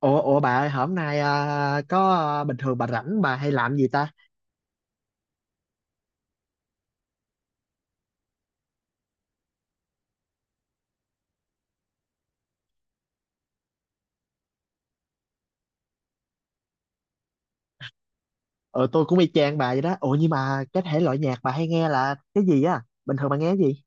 Ủa, bà ơi, hôm nay bình thường bà rảnh bà hay làm gì ta? Ờ tôi cũng y chang bà vậy đó. Ủa nhưng mà cái thể loại nhạc bà hay nghe là cái gì á? Bình thường bà nghe cái gì?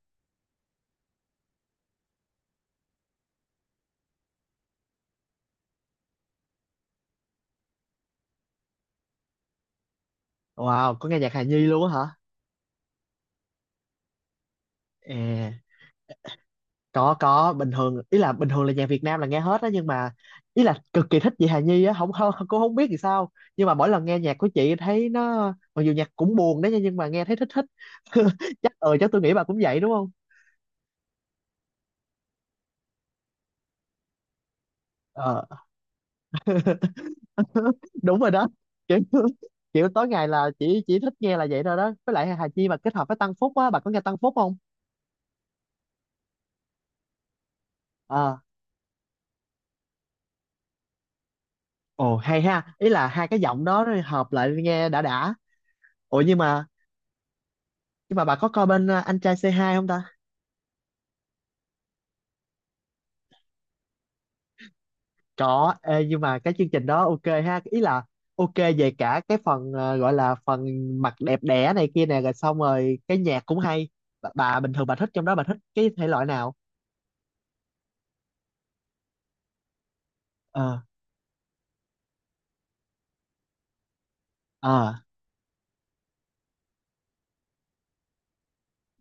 Wow, có nghe nhạc Hà Nhi luôn á hả? À, có, bình thường ý là bình thường là nhạc Việt Nam là nghe hết á, nhưng mà ý là cực kỳ thích chị Hà Nhi á, không không cũng không biết thì sao. Nhưng mà mỗi lần nghe nhạc của chị thấy nó, mặc dù nhạc cũng buồn đấy nha, nhưng mà nghe thấy thích thích. Chắc chắc tôi nghĩ bà cũng vậy đúng không? Ờ, đúng rồi đó, kiểu kiểu tối ngày là chỉ thích nghe là vậy thôi đó, với lại Hà Chi mà kết hợp với Tăng Phúc á, bà có nghe Tăng Phúc không? ờ Ồ hay ha, ý là hai cái giọng đó hợp lại nghe đã đã. Ủa nhưng mà bà có coi bên anh trai C2 không ta? Có, ê, nhưng mà cái chương trình đó ok ha, ý là ok về cả cái phần gọi là phần mặt đẹp đẽ này kia nè, rồi xong rồi cái nhạc cũng hay. Bà bình thường bà thích trong đó bà thích cái thể loại nào? ờ ờ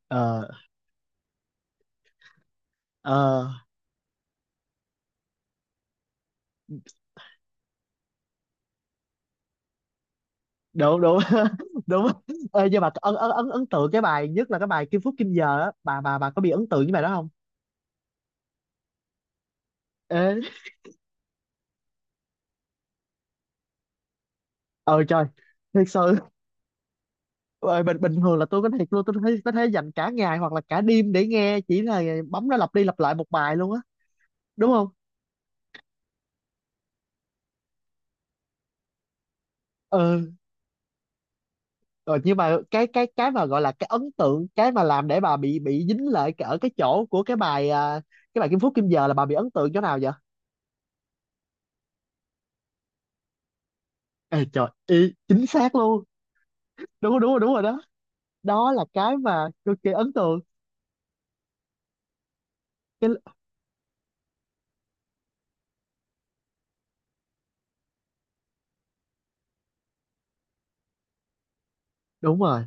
ờ ờ Đúng đúng đúng. Ê, nhưng mà ấn ấn ấn ấn tượng cái bài nhất là cái bài Kim Phúc Kim Giờ á, bà có bị ấn tượng với bài đó không? Ê ờ trời Thiệt sự. Ờ, bình bình thường là tôi có thiệt luôn, tôi thấy có thể dành cả ngày hoặc là cả đêm để nghe, chỉ là bấm nó lặp đi lặp lại một bài luôn á, đúng không? ừ ờ, nhưng mà cái mà gọi là cái ấn tượng, cái mà làm để bà bị dính lại ở cái chỗ của cái bài cái bài Kim Phúc Kim Giờ, là bà bị ấn tượng chỗ nào vậy? Ê trời, y chính xác luôn. Đúng rồi đó, đó là cái mà cực kỳ ấn tượng. cái Đúng rồi,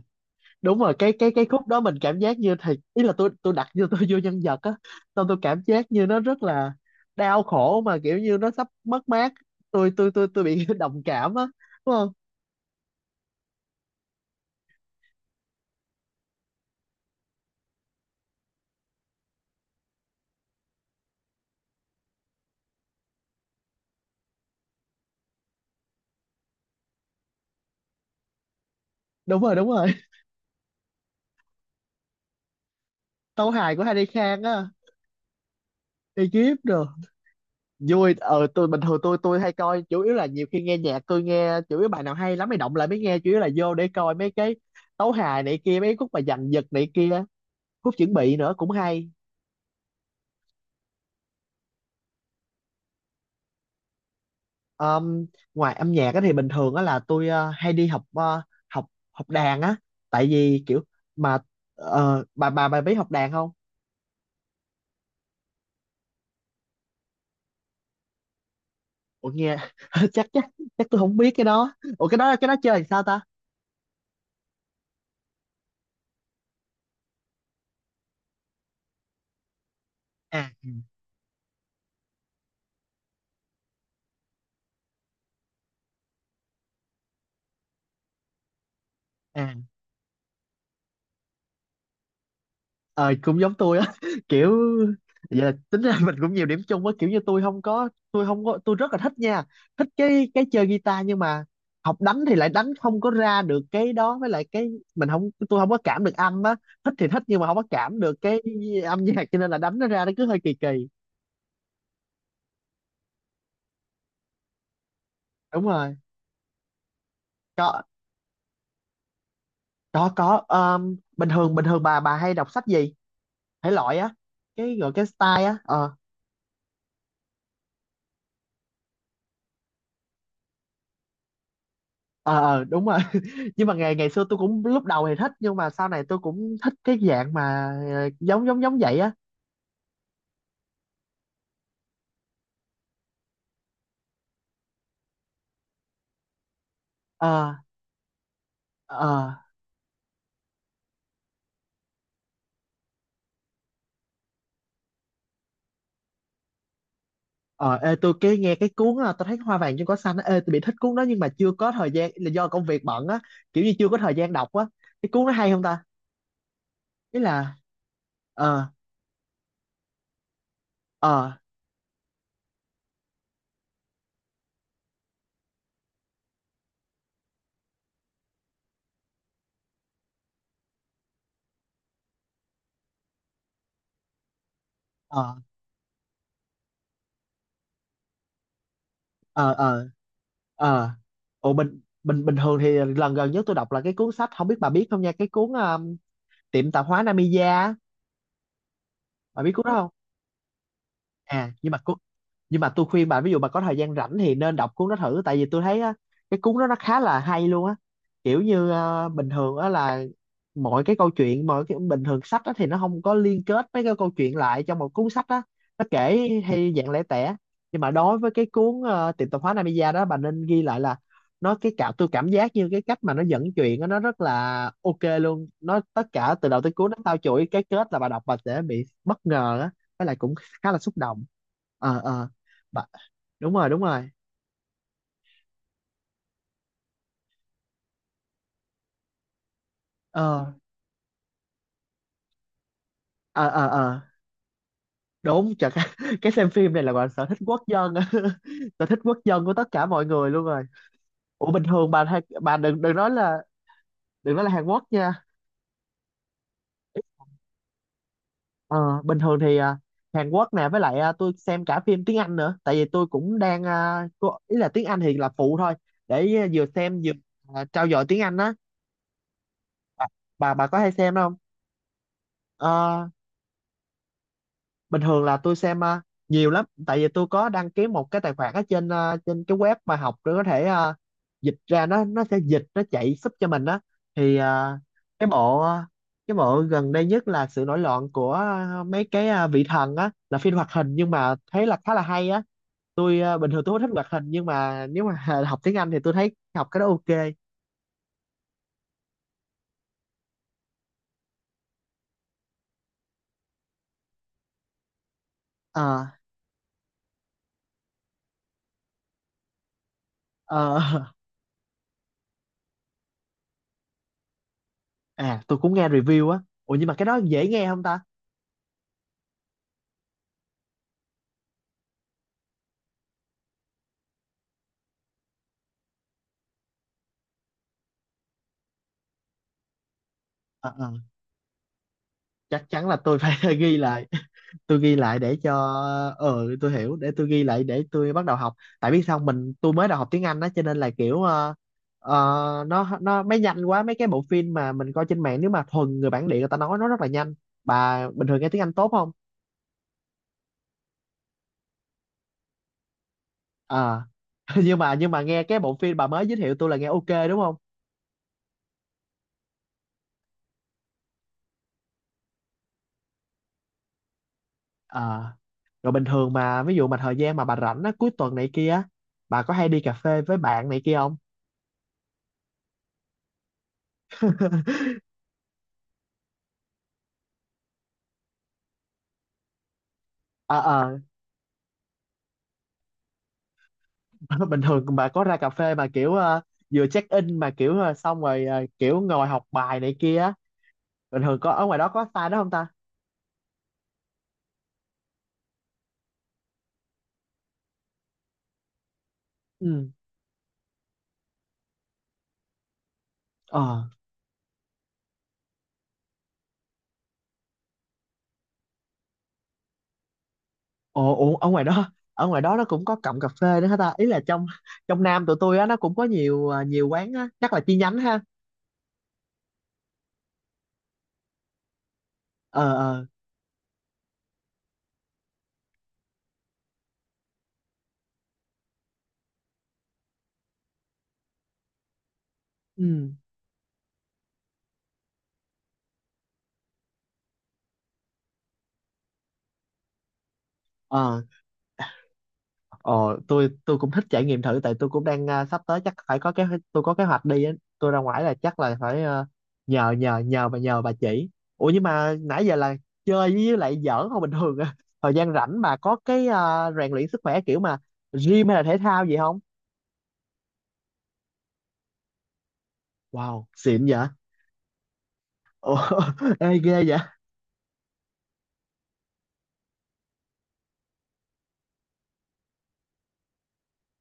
cái khúc đó mình cảm giác như thì ý là tôi đặt như tôi vô nhân vật á, xong tôi cảm giác như nó rất là đau khổ, mà kiểu như nó sắp mất mát, tôi bị đồng cảm á, đúng không? Đúng rồi đúng rồi Tấu hài của Harry Khan á. Egypt rồi, vui. Ờ tôi, bình thường tôi hay coi, chủ yếu là nhiều khi nghe nhạc tôi nghe, chủ yếu bài nào hay lắm mới động lại mới nghe, chủ yếu là vô để coi mấy cái tấu hài này kia, mấy khúc mà dằn vặt này kia, khúc chuẩn bị nữa cũng hay. Um, Ngoài âm nhạc á thì bình thường á là tôi hay đi học, ờ, học học đàn á, tại vì kiểu mà bà biết học đàn không? Ủa nghe chắc chắc chắc tôi không biết cái đó, ủa cái đó chơi làm sao ta? à à ờ Cũng giống tôi á, kiểu vậy là tính ra mình cũng nhiều điểm chung á, kiểu như tôi không có tôi không có tôi rất là thích nha, thích cái chơi guitar, nhưng mà học đánh thì lại đánh không có ra được cái đó, với lại cái mình không tôi không có cảm được âm á, thích thì thích nhưng mà không có cảm được cái âm nhạc, cho nên là đánh nó ra nó cứ hơi kỳ kỳ. Đúng rồi, có có. Bình thường bà hay đọc sách gì, thể loại á, cái gọi cái style á. Ờ, ờ, đúng rồi, nhưng mà ngày ngày xưa tôi cũng lúc đầu thì thích, nhưng mà sau này tôi cũng thích cái dạng mà, giống giống giống vậy á. ờ ờ ờ Ê, tôi cái nghe cái cuốn á, tôi thấy hoa vàng trên cỏ xanh á, ê tôi bị thích cuốn đó nhưng mà chưa có thời gian là do công việc bận á, kiểu như chưa có thời gian đọc á, cái cuốn nó hay không ta, ý là. ờ ờ ờ ờ ờ ờ Ồ, bình bình bình thường thì lần gần nhất tôi đọc là cái cuốn sách, không biết bà biết không nha, cái cuốn, tiệm tạp hóa Namiya, bà biết cuốn đó không? à nhưng mà cu- nhưng mà tôi khuyên bạn, ví dụ bà có thời gian rảnh thì nên đọc cuốn đó thử, tại vì tôi thấy á, cái cuốn đó nó khá là hay luôn á. Kiểu như bình thường á là mọi cái câu chuyện, mọi cái bình thường sách á thì nó không có liên kết mấy cái câu chuyện lại trong một cuốn sách á, nó kể hay dạng lẻ tẻ. Nhưng mà đối với cái cuốn, tiệm tạp hóa Namiya đó, bà nên ghi lại là nó, cái cảm, tôi cảm giác như cái cách mà nó dẫn chuyện á, nó rất là ok luôn, nó tất cả từ đầu tới cuối nó tao chuỗi cái kết là bà đọc bà sẽ bị bất ngờ á, với lại cũng khá là xúc động. ờ ờ bà- Đúng rồi, ờ ờ ờ ờ đúng chả cái, cái xem phim này là gọi là sở thích quốc dân á. Sở thích quốc dân của tất cả mọi người luôn rồi. Ủa bình thường bà hay, bà đừng đừng nói là đừng nói là Hàn Quốc nha. Ờ Bình thường thì Hàn Quốc nè, với lại tôi xem cả phim tiếng Anh nữa, tại vì tôi cũng đang, ý là tiếng Anh thì là phụ thôi, để vừa xem vừa trau dồi tiếng Anh á. bà, bà có hay xem không? Ờ, bình thường là tôi xem, nhiều lắm, tại vì tôi có đăng ký một cái tài khoản ở trên, trên cái web mà học, để có thể dịch ra, nó sẽ dịch, nó chạy giúp cho mình á, thì cái bộ, cái bộ gần đây nhất là sự nổi loạn của, vị thần á, là phim hoạt hình nhưng mà thấy là khá là hay á. Tôi bình thường tôi không thích hoạt hình, nhưng mà nếu mà học tiếng Anh thì tôi thấy học cái đó ok. Ờ, ờ, à tôi cũng nghe review á, ủa nhưng mà cái đó dễ nghe không ta? Ờ, ờ. Chắc chắn là tôi phải ghi lại, tôi ghi lại để cho, tôi hiểu, để tôi ghi lại để tôi bắt đầu học, tại biết sao tôi mới đầu học tiếng Anh đó cho nên là kiểu, nó mới nhanh quá, mấy cái bộ phim mà mình coi trên mạng nếu mà thuần người bản địa người ta nói nó rất là nhanh. Bà bình thường nghe tiếng Anh tốt không? Ờ. Nhưng mà nghe cái bộ phim bà mới giới thiệu tôi là nghe ok đúng không? Ờ. Rồi bình thường mà ví dụ mà thời gian mà bà rảnh á, cuối tuần này kia á, bà có hay đi cà phê với bạn này kia không? ờ ờ bình thường bà có ra cà phê mà kiểu vừa check in, mà kiểu xong rồi kiểu ngồi học bài này kia á, bình thường có ở ngoài đó có style đó không ta? Ừ ờ ồ Ồ, ở ngoài đó nó cũng có cọng cà phê nữa hả ta, ý là trong trong Nam tụi tôi á nó cũng có nhiều, nhiều quán á, chắc là chi nhánh ha. ờ ờ ừ ờ Ờ, tôi cũng thích trải nghiệm thử, tại tôi cũng đang, sắp tới chắc phải có kế, tôi có kế hoạch đi á. Tôi ra ngoài là chắc là phải nhờ nhờ nhờ bà, nhờ bà chỉ. Ủa nhưng mà nãy giờ là chơi với lại giỡn không bình thường à. Thời gian rảnh bà có cái, rèn luyện sức khỏe kiểu mà gym hay là thể thao gì không? Wow, xịn vậy. Ồ, ê ghê vậy.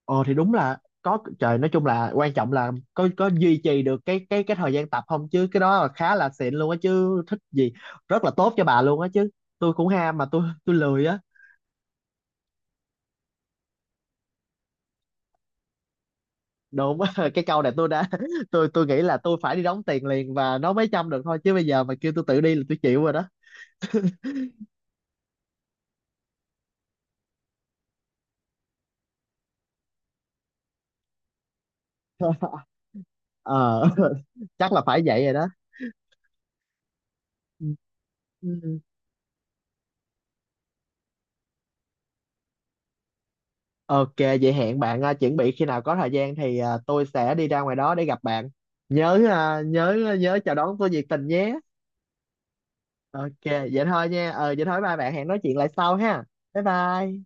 Ờ thì đúng là có trời, nói chung là quan trọng là có duy trì được cái cái thời gian tập không, chứ cái đó là khá là xịn luôn á chứ, thích gì, rất là tốt cho bà luôn á chứ. Tôi cũng ham mà tôi lười á. Đúng á. cái câu này tôi đã tôi nghĩ là tôi phải đi đóng tiền liền và nó mới chăm được thôi, chứ bây giờ mà kêu tôi tự đi là tôi chịu rồi đó. ờ chắc là phải vậy rồi đó. Ừ. Ừ. Ok, vậy hẹn bạn, chuẩn bị khi nào có thời gian thì tôi sẽ đi ra ngoài đó để gặp bạn. Nhớ chào đón tôi nhiệt tình nhé. Ok, vậy thôi nha. Ờ vậy thôi ba bạn, hẹn nói chuyện lại sau ha. Bye bye.